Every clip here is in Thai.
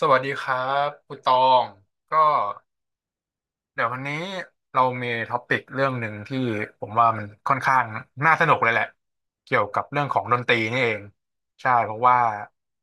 สวัสดีครับคุณตองก็ เดี๋ยววันนี้เรามีท็อปิกเรื่องหนึ่งที่ผมว่ามันค่อนข้างน่าสนุกเลยแหละเกี่ยวกับเรื่องของดนตรีนี่เองใช่เพราะว่า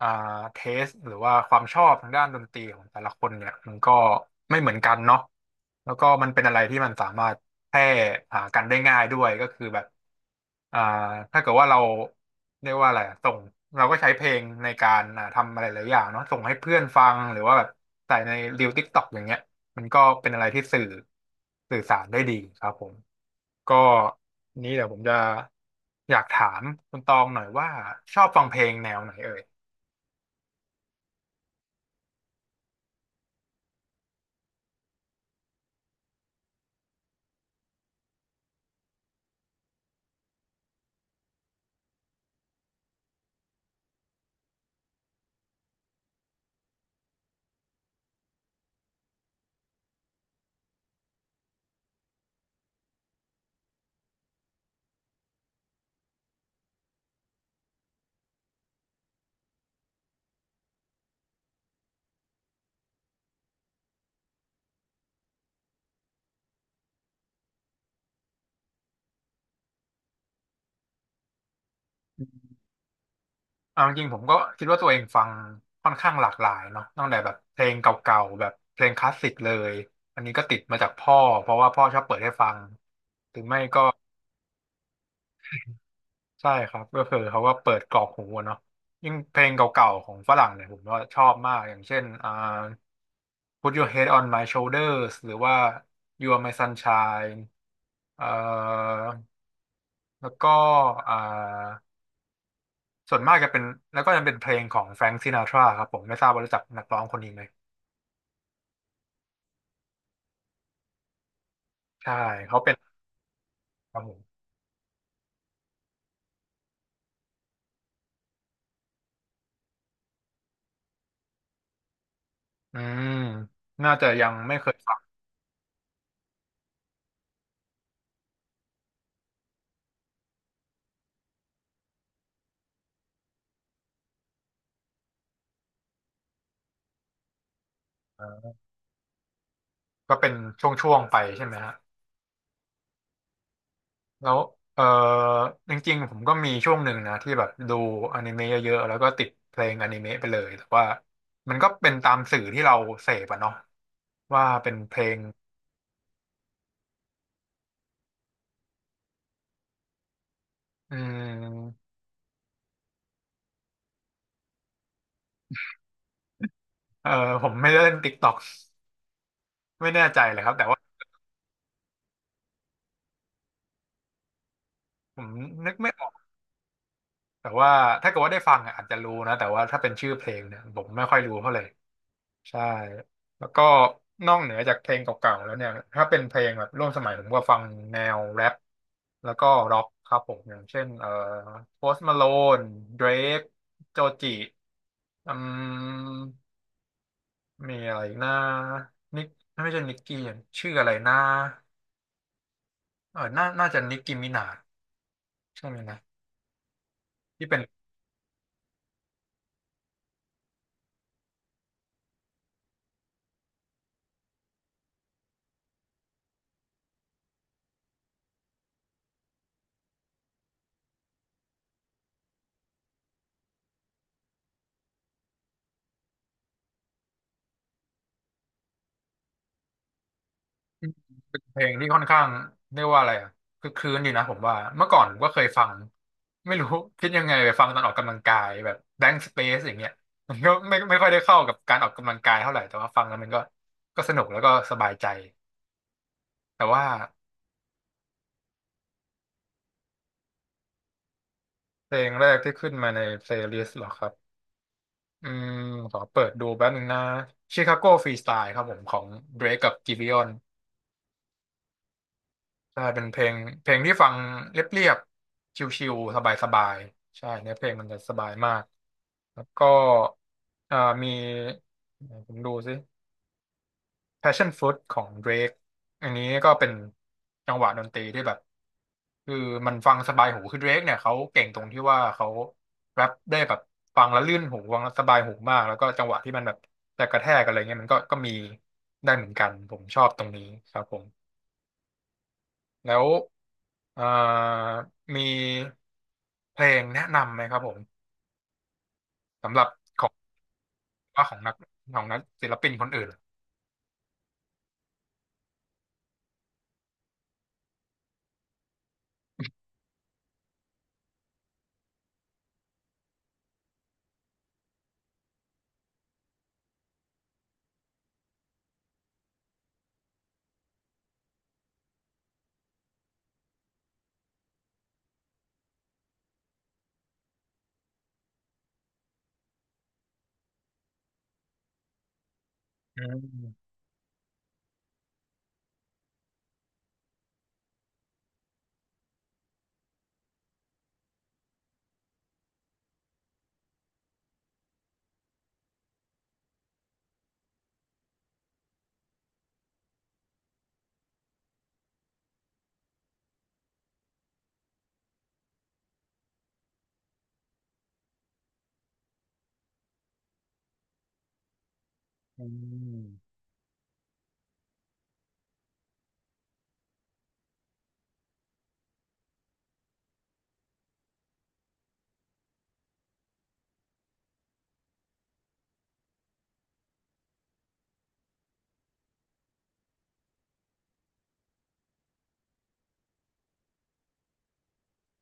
อ่าเทสหรือว่าความชอบทางด้านดนตรีของแต่ละคนเนี่ยมันก็ไม่เหมือนกันเนาะแล้วก็มันเป็นอะไรที่มันสามารถแพร่หากันได้ง่ายด้วยก็คือแบบอ่าถ้าเกิดว่าเราเรียกว่าอะไรอะส่งเราก็ใช้เพลงในการทำอะไรหลายอย่างเนาะส่งให้เพื่อนฟังหรือว่าแบบใส่ในรีลติกต็อกอย่างเงี้ย มันก็เป็นอะไรที่สื่อสารได้ดีครับผมก็นี้เดี๋ยวผมจะอยากถามคุณตองหน่อยว่าชอบฟังเพลงแนวไหนเอ่ยเอาจริงๆผมก็คิดว่าตัวเองฟังค่อนข้างหลากหลายเนาะตั้งแต่แบบเพลงเก่าๆแบบเพลงคลาสสิกเลยอันนี้ก็ติดมาจากพ่อเพราะว่าพ่อชอบเปิดให้ฟังใช่ครับก็คือเขาก็เปิดกรอกหูอะเนาะยิ่งเพลงเก่าๆของฝรั่งเนี่ยผมก็ชอบมากอย่างเช่นPut Your Head on My Shoulders หรือว่า You Are My Sunshine เอ่อแล้วก็เอ่อส่วนมากจะเป็นแล้วก็จะเป็นเพลงของแฟรง k ์ซินาทราครับผมไม่ทราบว่ารู้จักนักร้องคนนี้ไหมใช่เขาเป็นครับผมอืมน่าจะยังไม่เคยฟังก็เป็นช่วงๆไปใช่ไหมฮะแล้วเออจริงๆผมก็มีช่วงหนึ่งนะที่แบบดูอนิเมะเยอะๆแล้วก็ติดเพลงอนิเมะไปเลยแต่ว่ามันก็เป็นตามสื่อที่เราเสพอะเนาะว่าเป็นเพลงอืมเออผมไม่ได้เล่นติ๊กต็อกไม่แน่ใจเลยครับแต่ว่า ผมนึกไม่ออกแต่ว่าถ้าเกิดว่าได้ฟังอะอาจจะรู้นะแต่ว่าถ้าเป็นชื่อเพลงเนี่ยผมไม่ค่อยรู้เท่าไหร่ใช่แล้วก็นอกเหนือจากเพลงเก่าๆแล้วเนี่ยถ้าเป็นเพลงแบบร่วมสมัยผมก็ฟังแนวแร็ปแล้วก็ร็อกครับผมอย่างเช่นโพสต์มาโลนเดรกโจจิอืมมีอะไรอีกนะนิกไม่ใช่นิกกี้ชื่ออะไรนะเออน่าจะนิกกี้มินาใช่ไหมนะที่เป็น เพลงที่ค่อนข้างเรียกว่าอะไรอะคือคลืนอยู่นะผมว่าเมื่อก่อนผมก็เคยฟังไม่รู้ คิดยังไงไปฟังตอนออกกำลังกายแบบ Blank Space อย่างเงี้ย มันก็ไม่ค่อยได้เข้ากับการออกกำลังกายเท่าไหร่แต่ว่าฟังแล้วมันก็ก็สนุกแล้วก็สบายใจแต่ว่าเพลงแรกที่ขึ้นมาใน playlist เหรอครับอืมขอเปิดดูแป๊บนึงนะ Chicago Freestyle ครับผมของ Drake กับ Giveon ใช่เป็นเพลงเพลงที่ฟังเรียบๆชิลๆสบายๆใช่เนื้อเพลงมันจะสบายมาก แล้วก็อ่ามีผมดูสิ Passion Fruit ของ Drake อันนี้ก็เป็นจังหวะดนตรีที่แบบคือมันฟังสบายหูคือ Drake เนี่ยเขาเก่งตรงที่ว่าเขาแรปได้แบบฟังแล้วลื่นหูฟังแล้วสบายหูมากแล้วก็จังหวะที่มันแบบจะกระแทกอะไรเงี้ยมันก็ก็มีได้เหมือนกันผมชอบตรงนี้ครับผมแล้วอ่ามีเพลงแนะนำไหมครับผมสำหรับของว่าของนักของศิลปินคนอื่น อืมอืม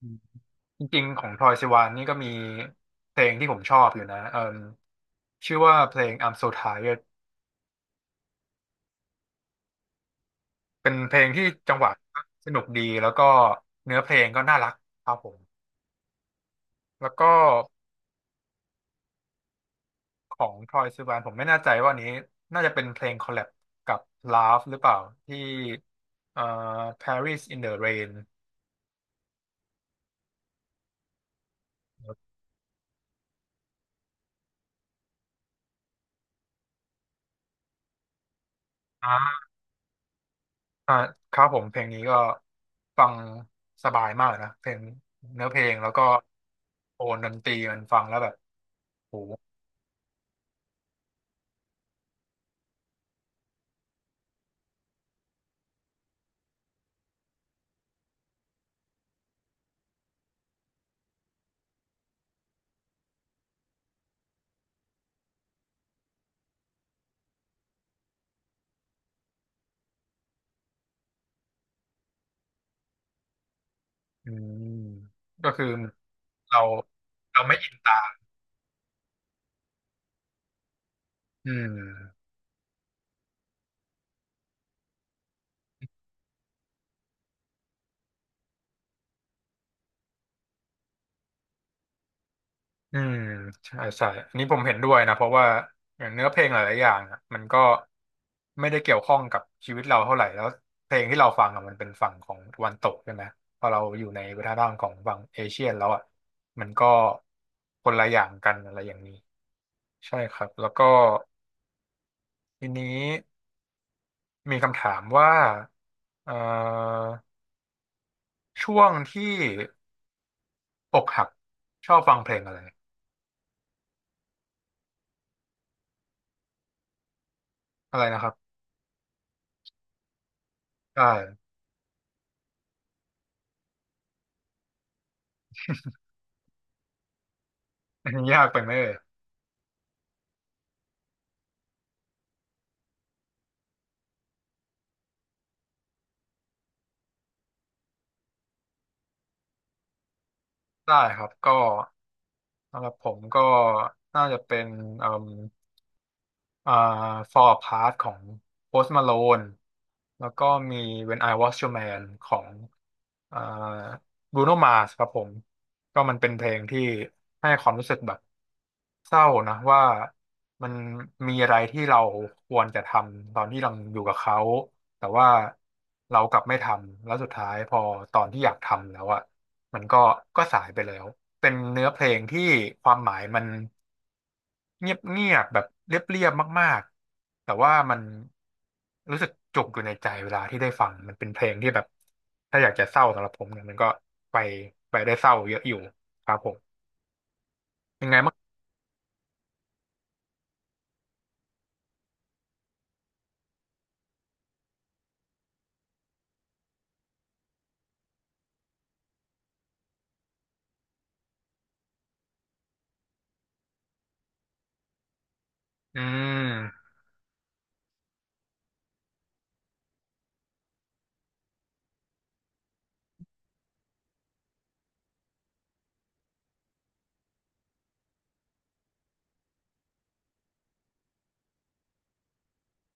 อืมจริงๆของทรอยซิวานนี่ก็มีเพลงที่ผมชอบอยู่นะเอ่มชื่อว่าเพลง I'm So Tired เป็นเพลงที่จังหวะสนุกดีแล้วก็เนื้อเพลงก็น่ารักครับผมแล้วก็ของทรอยซิวานผมไม่แน่ใจว่าอันนี้น่าจะเป็นเพลงคอลแลบกับ Love หรือเปล่าที่เอ่อ Paris in the Rain อ่าครับผมเพลงนี้ก็ฟังสบายมากนะเพลงเนื้อเพลงแล้วก็โอนดนตรีมันฟังแล้วแบบโหอืมก็คือเราไม่อินตามอืมอืมใช่ใช่อันนี้ผมเห็นด้วยนะเพราะว่าอย่างเนื้อเพลงหลายๆอย่างอะมันก็ไม่ได้เกี่ยวข้องกับชีวิตเราเท่าไหร่แล้วเพลงที่เราฟังอะมันเป็นฝั่งของตะวันตกใช่ไหมพอเราอยู่ในวัฒนธรรมของฝั่งเอเชียนแล้วอ่ะมันก็คนละอย่างกันอะไรอย่างนี้ ใช่ครับแล้วก็ทีนี้มีคำถามว่าเอ่อช่วงที่อกหักชอบฟังเพลงอะไรอะไรนะครับได้ นนยากไปไหมเอ่ยได้ครับก็สำหรับผมก็น่าจะเป็น อ่า Fall Apart ของ Post Malone แล้วก็มี When I Was Your Man ของอ่า Bruno Mars ครับผม ก็มันเป็นเพลงที่ให้ความรู้สึกแบบเศร้านะว่ามันมีอะไรที่เราควรจะทำตอนที่เราอยู่กับเขาแต่ว่าเรากลับไม่ทำแล้วสุดท้ายพอตอนที่อยากทำแล้วอ่ะมันก็ก็สายไปแล้วเป็นเนื้อเพลงที่ความหมายมัน เงียบเงียบแบบเรียบเรียบมากๆแต่ว่ามันรู้สึกจุกอยู่ในใจเวลาที่ได้ฟังมันเป็นเพลงที่แบบถ้าอยากจะเศร้าสำหรับผมเนี่ยมันก็ไปได้เศร้าเยอะอยู่ครับผมยังไงบ้างอืม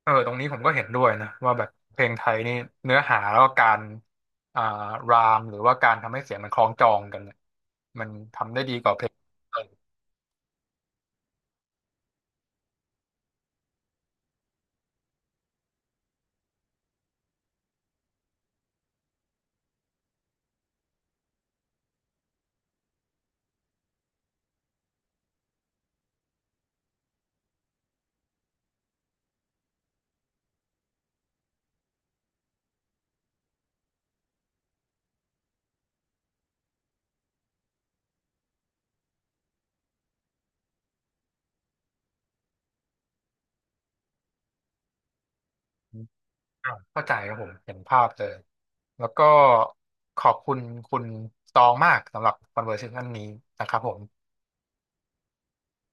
เออตรงนี้ผมก็เห็นด้วยนะว่าแบบเพลงไทยนี่เนื้อหาแล้วก็การอ่ารามหรือว่าการทำให้เสียงมันคล้องจองกันเนี่ยมันทำได้ดีกว่าเพลง อ่ะเข้าใจครับผมเห็นภาพเลยแล้วก็ขอบคุณคุณตองมากสำหรับ conversation นี้นะครับผม